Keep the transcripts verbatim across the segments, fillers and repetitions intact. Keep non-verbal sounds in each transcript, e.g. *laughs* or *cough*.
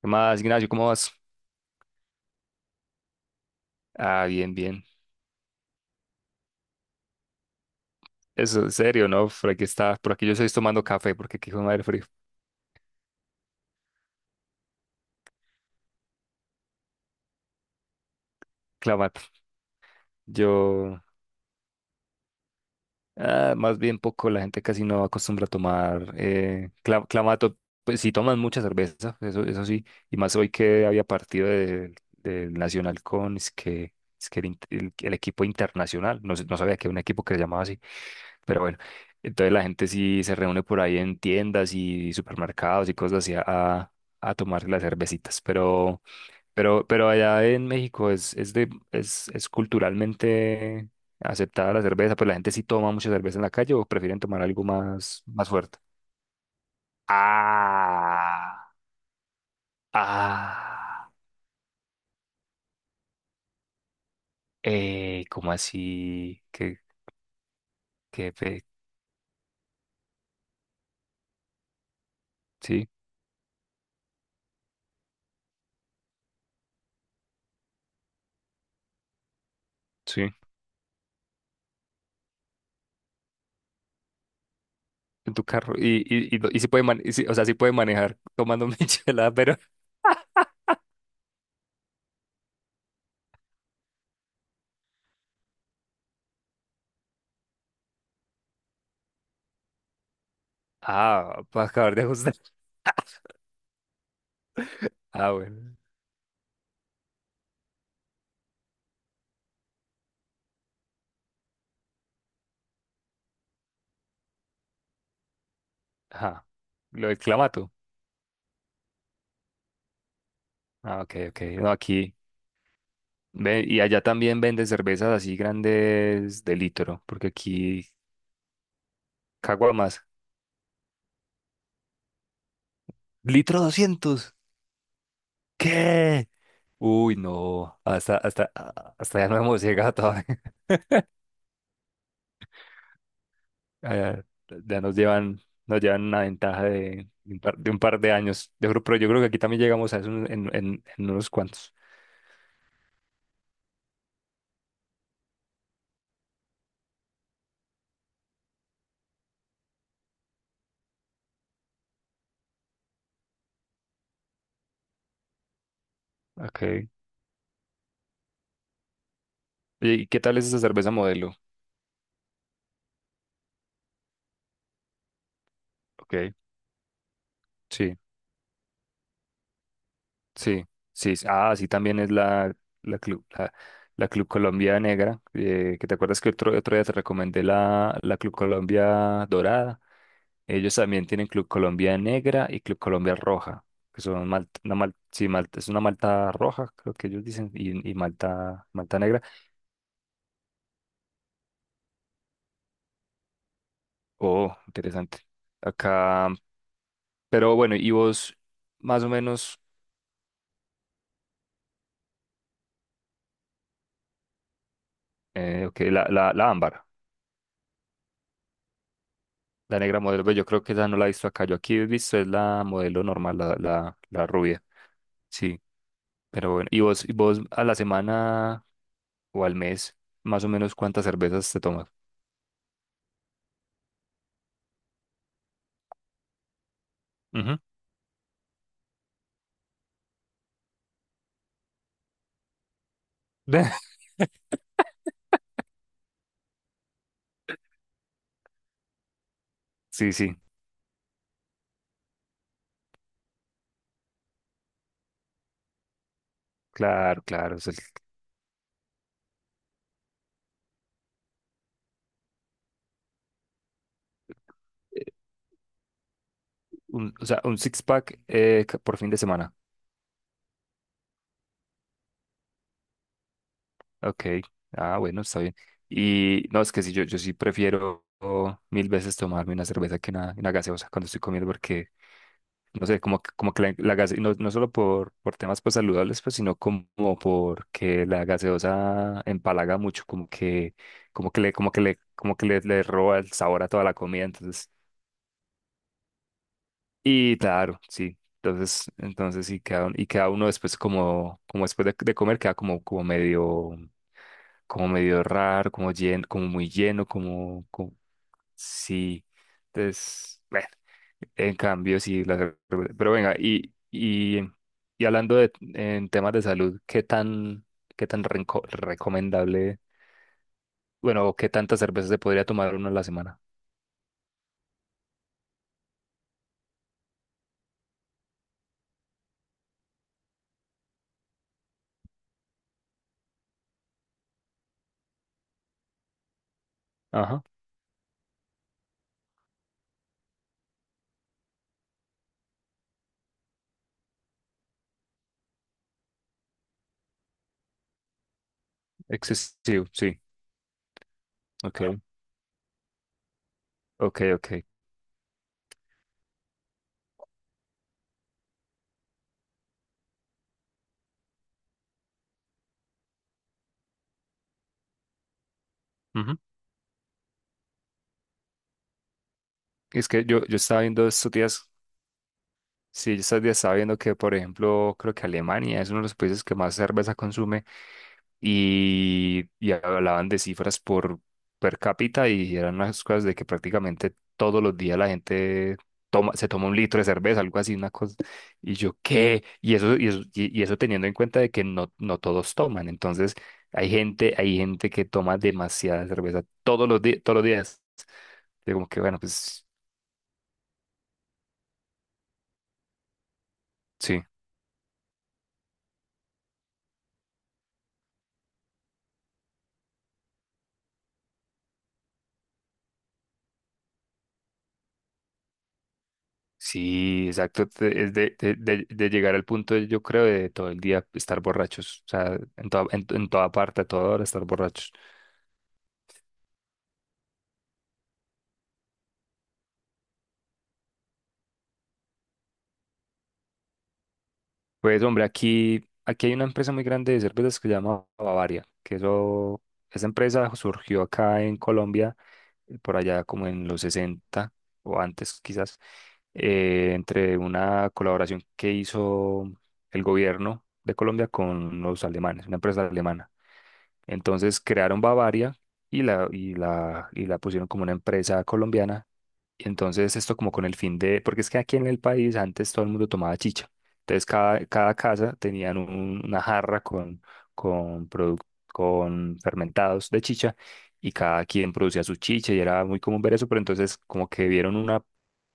¿Qué más, Ignacio? ¿Cómo vas? Ah, bien, bien. Eso, en serio, ¿no? Por aquí está, por aquí yo estoy tomando café porque aquí hijo de madre frío. Clamato. Yo Ah, más bien poco, la gente casi no acostumbra a tomar eh, cla- clamato. Pues sí toman mucha cerveza, eso, eso sí. Y más hoy que había partido del del Nacional con es que, es que el, int- el- el equipo internacional. No, sé- no sabía que había un equipo que se llamaba así. Pero bueno, entonces la gente sí se reúne por ahí en tiendas y supermercados y cosas así a, a a tomar las cervecitas. Pero. Pero, pero allá en México es, es de, es, es culturalmente aceptada la cerveza, pues la gente sí toma mucha cerveza en la calle o prefieren tomar algo más, más fuerte. Ah, ah, eh, ¿cómo así? ¿Qué, qué, pe- Sí, sí, en tu carro. Y, y, y, y sí puede man- y sí, o sea, sí puede manejar tomando *laughs* michelada, pero. Ah, para acabar de ajustar. Ah, bueno. Ajá. Lo del clamato. Ah, ok, ok. No, aquí. Ve- y allá también venden cervezas así grandes de litro, porque aquí caguamas. ¿Litro doscientos? ¿Qué? Uy, no, hasta, hasta, a- hasta ya no hemos llegado todavía. *laughs* Allá Ya nos llevan, nos llevan una ventaja de, un par, de un par de años. Yo creo, pero yo creo que aquí también llegamos a eso en, en, en unos cuantos. Okay. Oye, ¿y qué tal es esa cerveza modelo? Ok, sí. Sí, sí, sí. Ah, sí, también es la, la Club, la, la Club Colombia Negra, eh, que te acuerdas que otro, otro día te recomendé la, la Club Colombia Dorada. Ellos también tienen Club Colombia Negra y Club Colombia Roja, que son malta, una mal, sí, malta, es una malta roja, creo que ellos dicen, y, y malta, malta negra. Oh, interesante. Acá, pero bueno, y vos, más o menos, eh, ok, la, la, la ámbar. La negra modelo, pues yo creo que esa no la he visto acá. Yo aquí he visto es la modelo normal, la, la, la rubia. Sí, pero bueno. ¿Y vos, y vos a la semana o al mes, más o menos cuántas cervezas te tomas? Ujú. *laughs* Sí, sí, claro, claro. O sea, el- eh, un, o sea, un six pack eh, ca- por fin de semana. Ok. Ah, bueno, está bien. Y no, es que sí, yo, yo sí prefiero mil veces tomarme una cerveza que una, una gaseosa cuando estoy comiendo porque no sé, como, que- como que la, la gase- no, no solo por, por temas pues saludables, pues, sino como porque la gaseosa empalaga mucho, como que, como que le, como que le, como que le, le roba el sabor a toda la comida, entonces, y claro, sí. Entonces, entonces sí queda, un- y queda uno después como, como después de, de comer, queda como, como medio, como medio raro, como lleno, como muy lleno, como, como sí. Entonces, bueno. En cambio, sí, la cerveza. Pero venga, y, y, y hablando de, en temas de salud, ¿qué tan, qué tan renco- recomendable, bueno, o qué tanta cerveza se podría tomar uno a la semana? Ajá, excesivo, sí, ok, ok, ok. Ujú. Es que yo, yo estaba viendo estos días, sí, estos días estaba viendo que, por ejemplo, creo que Alemania es uno de los países que más cerveza consume y, y hablaban de cifras por per cápita y eran unas cosas de que prácticamente todos los días la gente toma, se toma un litro de cerveza, algo así, una cosa. Y yo, ¿qué? Y eso, y eso, y- y eso teniendo en cuenta de que no, no todos toman. Entonces, hay gente, hay gente que toma demasiada cerveza todos los días, todos los días. Y como que, bueno, pues sí. Sí, exacto. te- Es de, de, de- de llegar al punto, yo creo, de todo el día estar borrachos. O sea, en toda, en, en toda parte, a toda hora estar borrachos. Pues, hombre, aquí, aquí hay una empresa muy grande de cervezas que se llama Bavaria, que eso, esa empresa surgió acá en Colombia, eh, por allá como en los sesenta o antes quizás, eh, entre una colaboración que hizo el gobierno de Colombia con los alemanes, una empresa alemana. Entonces crearon Bavaria y la, y la, y la pusieron como una empresa colombiana. Y entonces esto como con el fin de, porque es que aquí en el país antes todo el mundo tomaba chicha. Entonces cada, cada casa tenían un- una jarra con, con, produc- con fermentados de chicha y cada quien producía su chicha y era muy común ver eso, pero entonces como que vieron una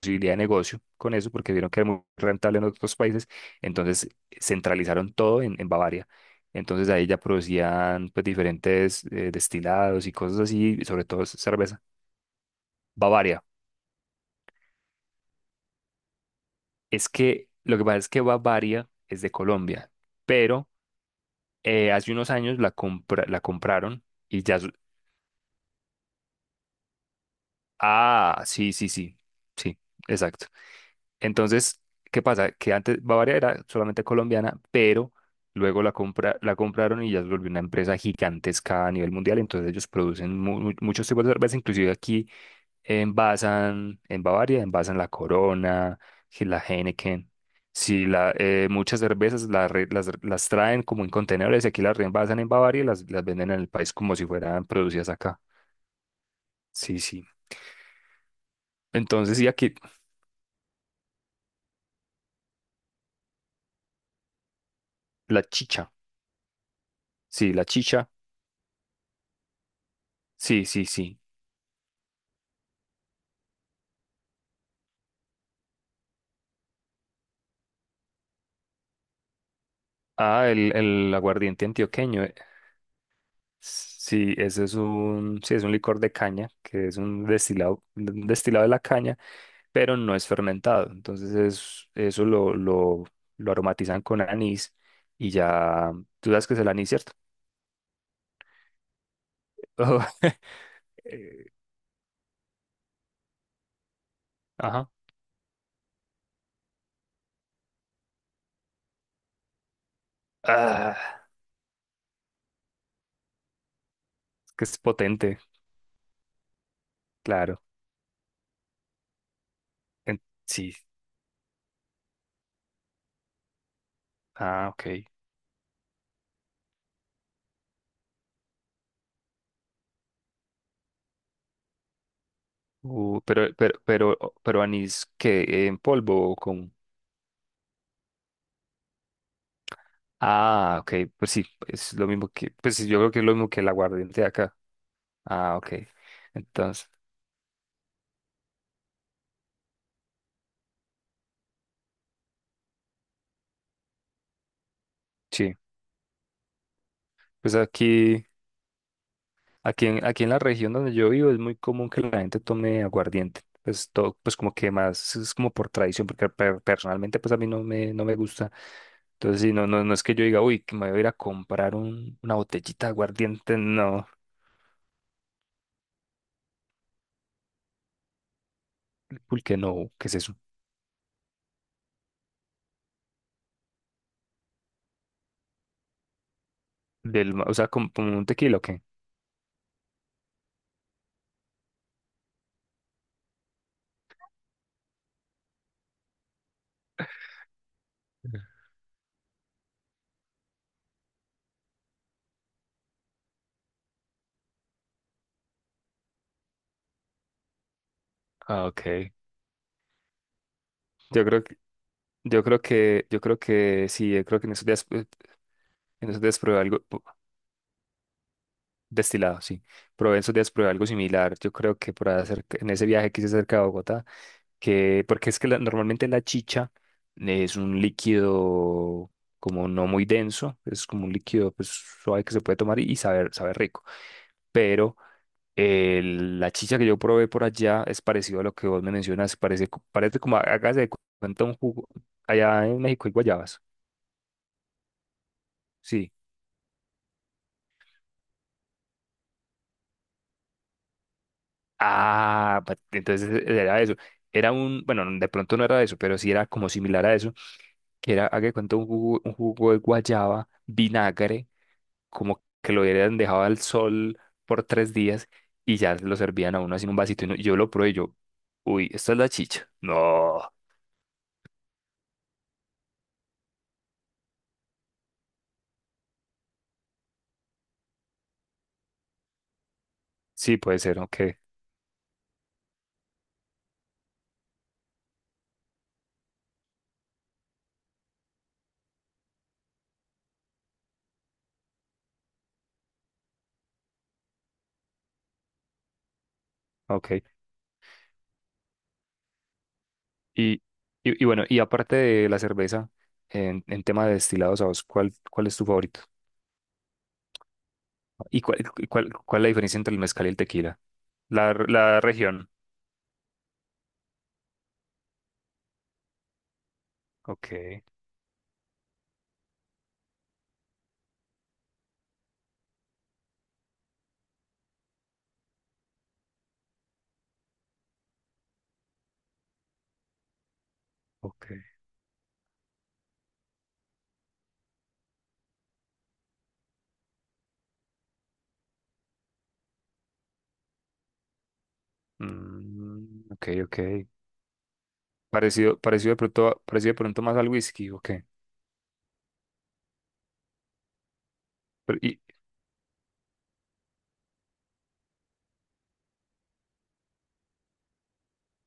posibilidad de negocio con eso porque vieron que era muy rentable en otros países, entonces centralizaron todo en, en Bavaria. Entonces ahí ya producían pues diferentes eh, destilados y cosas así, y sobre todo cerveza. Bavaria. Es que lo que pasa es que Bavaria es de Colombia, pero eh, hace unos años la compra- la compraron y ya. es- Ah, sí, sí, sí, sí, exacto. Entonces, ¿qué pasa? Que antes Bavaria era solamente colombiana, pero luego la compra, la compraron y ya se volvió una empresa gigantesca a nivel mundial. Entonces ellos producen mu- mu- muchos tipos de cerveza, inclusive aquí envasan en Bavaria, envasan la Corona, que la Heineken. Sí, la, eh, muchas cervezas la re- las, las traen como en contenedores y aquí las reenvasan en Bavaria y las, las venden en el país como si fueran producidas acá. Sí, sí. Entonces, y aquí la chicha. Sí, la chicha. Sí, sí, sí. Ah, el, el aguardiente antioqueño. eh. Sí, ese es un, sí, es un licor de caña, que es un destilado, un destilado, de la caña, pero no es fermentado. Entonces es, eso lo, lo, lo aromatizan con anís y ya, tú sabes que es el anís, ¿cierto? Oh, *laughs* eh, ajá. Ah, es que es potente, claro. En- sí. Ah, ok. Uh, pero, pero, pero, pero anís que en polvo o con Ah, ok, pues sí, es lo mismo que, pues sí, yo creo que es lo mismo que el aguardiente de acá. Ah, ok. Entonces, sí, pues aquí, aquí en, aquí en la región donde yo vivo es muy común que la gente tome aguardiente. Pues todo, pues como que más, es como por tradición, porque per- personalmente pues a mí no me, no me gusta. Entonces, sí, no, no, no es que yo diga, uy, que me voy a ir a comprar un, una botellita de aguardiente, no, porque no, ¿qué es eso? Del, ma- o sea, como, como un tequila, ¿o qué? Ah, ok. Yo creo Yo creo que, yo creo que sí, yo creo que en esos días, eh, en esos días probé algo pu- destilado, sí. Probé En esos días probé algo similar. Yo creo que por hacer, en ese viaje que hice cerca de Bogotá, que, porque es que la- normalmente la chicha es un líquido como no muy denso, es como un líquido pues, suave que se puede tomar y, y saber, sabe rico. Pero eh, la chicha que yo probé por allá es parecido a lo que vos me mencionas, parece, co- parece como, hágase de cuenta un jugo allá en México hay guayabas. Sí. Ah, pa- entonces eh, era eso. Era un, bueno, de pronto no era eso, pero sí era como similar a eso, que era, haga de cuenta, un jugo, un jugo de guayaba, vinagre, como que lo hubieran dejado al sol por tres días y ya lo servían a uno así en un vasito. Y no- yo lo probé y yo, uy, esta es la chicha. No, sí puede ser, ok, ok. Y, y, y bueno, y aparte de la cerveza, en, en tema de destilados, ¿a vos cuál, cuál es tu favorito? ¿Y cuál, cuál, cuál es la diferencia entre el mezcal y el tequila? La, la región. Ok, ok. Mm, ok, ok. Parecido, parecido de pronto, parecido de pronto más al whisky, ok. Pero- y,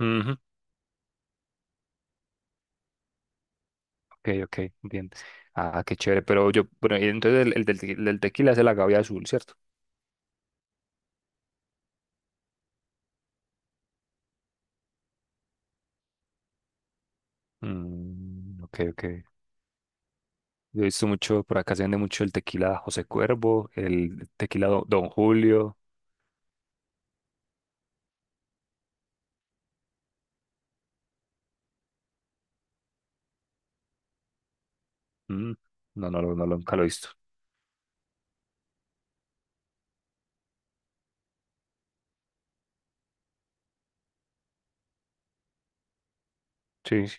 ujú, ok, ok, bien. Ah, qué chévere, pero yo, bueno, y entonces el, el del, tequi- el del tequila es el agave azul, ¿cierto? Mm, ok, ok. Yo he visto mucho, por acá se vende mucho el tequila José Cuervo, el tequila Do- Don Julio. Mm, no, no, lo- no, lo- nunca lo he visto. Sí, sí.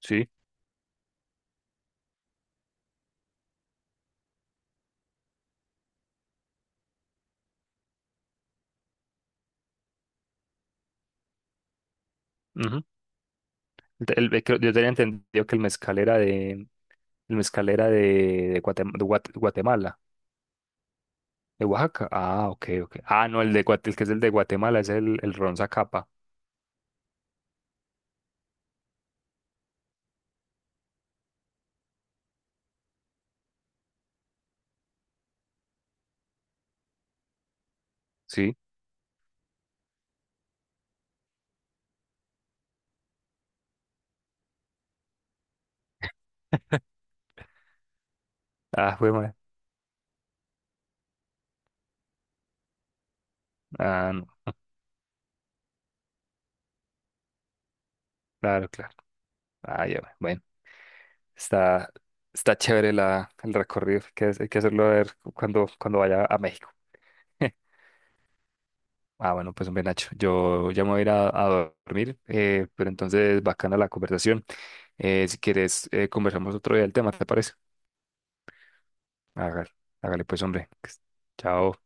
Sí, ujú. El te- el- creo- Yo tenía entendido que el mezcal era de, el mezcalera de, de, Guatem- de Guat- Guatemala, de Oaxaca. Ah, ok, ok. Ah, no, el de Guate- el que es el de Guatemala es el, el ron Zacapa. Sí. Ah, fue mal. Ah, no. Claro, claro. Ah, ya, ve. Bueno. Está, está chévere la, el recorrido. Hay que, hay que hacerlo a ver cuando, cuando vaya a México. *laughs* Ah, bueno, pues hombre, Nacho, yo ya me voy a ir a, a dormir, eh, pero entonces bacana la conversación. Eh, si quieres, eh, conversamos otro día del tema, ¿te parece? Hágale, hágale pues, hombre. Chao.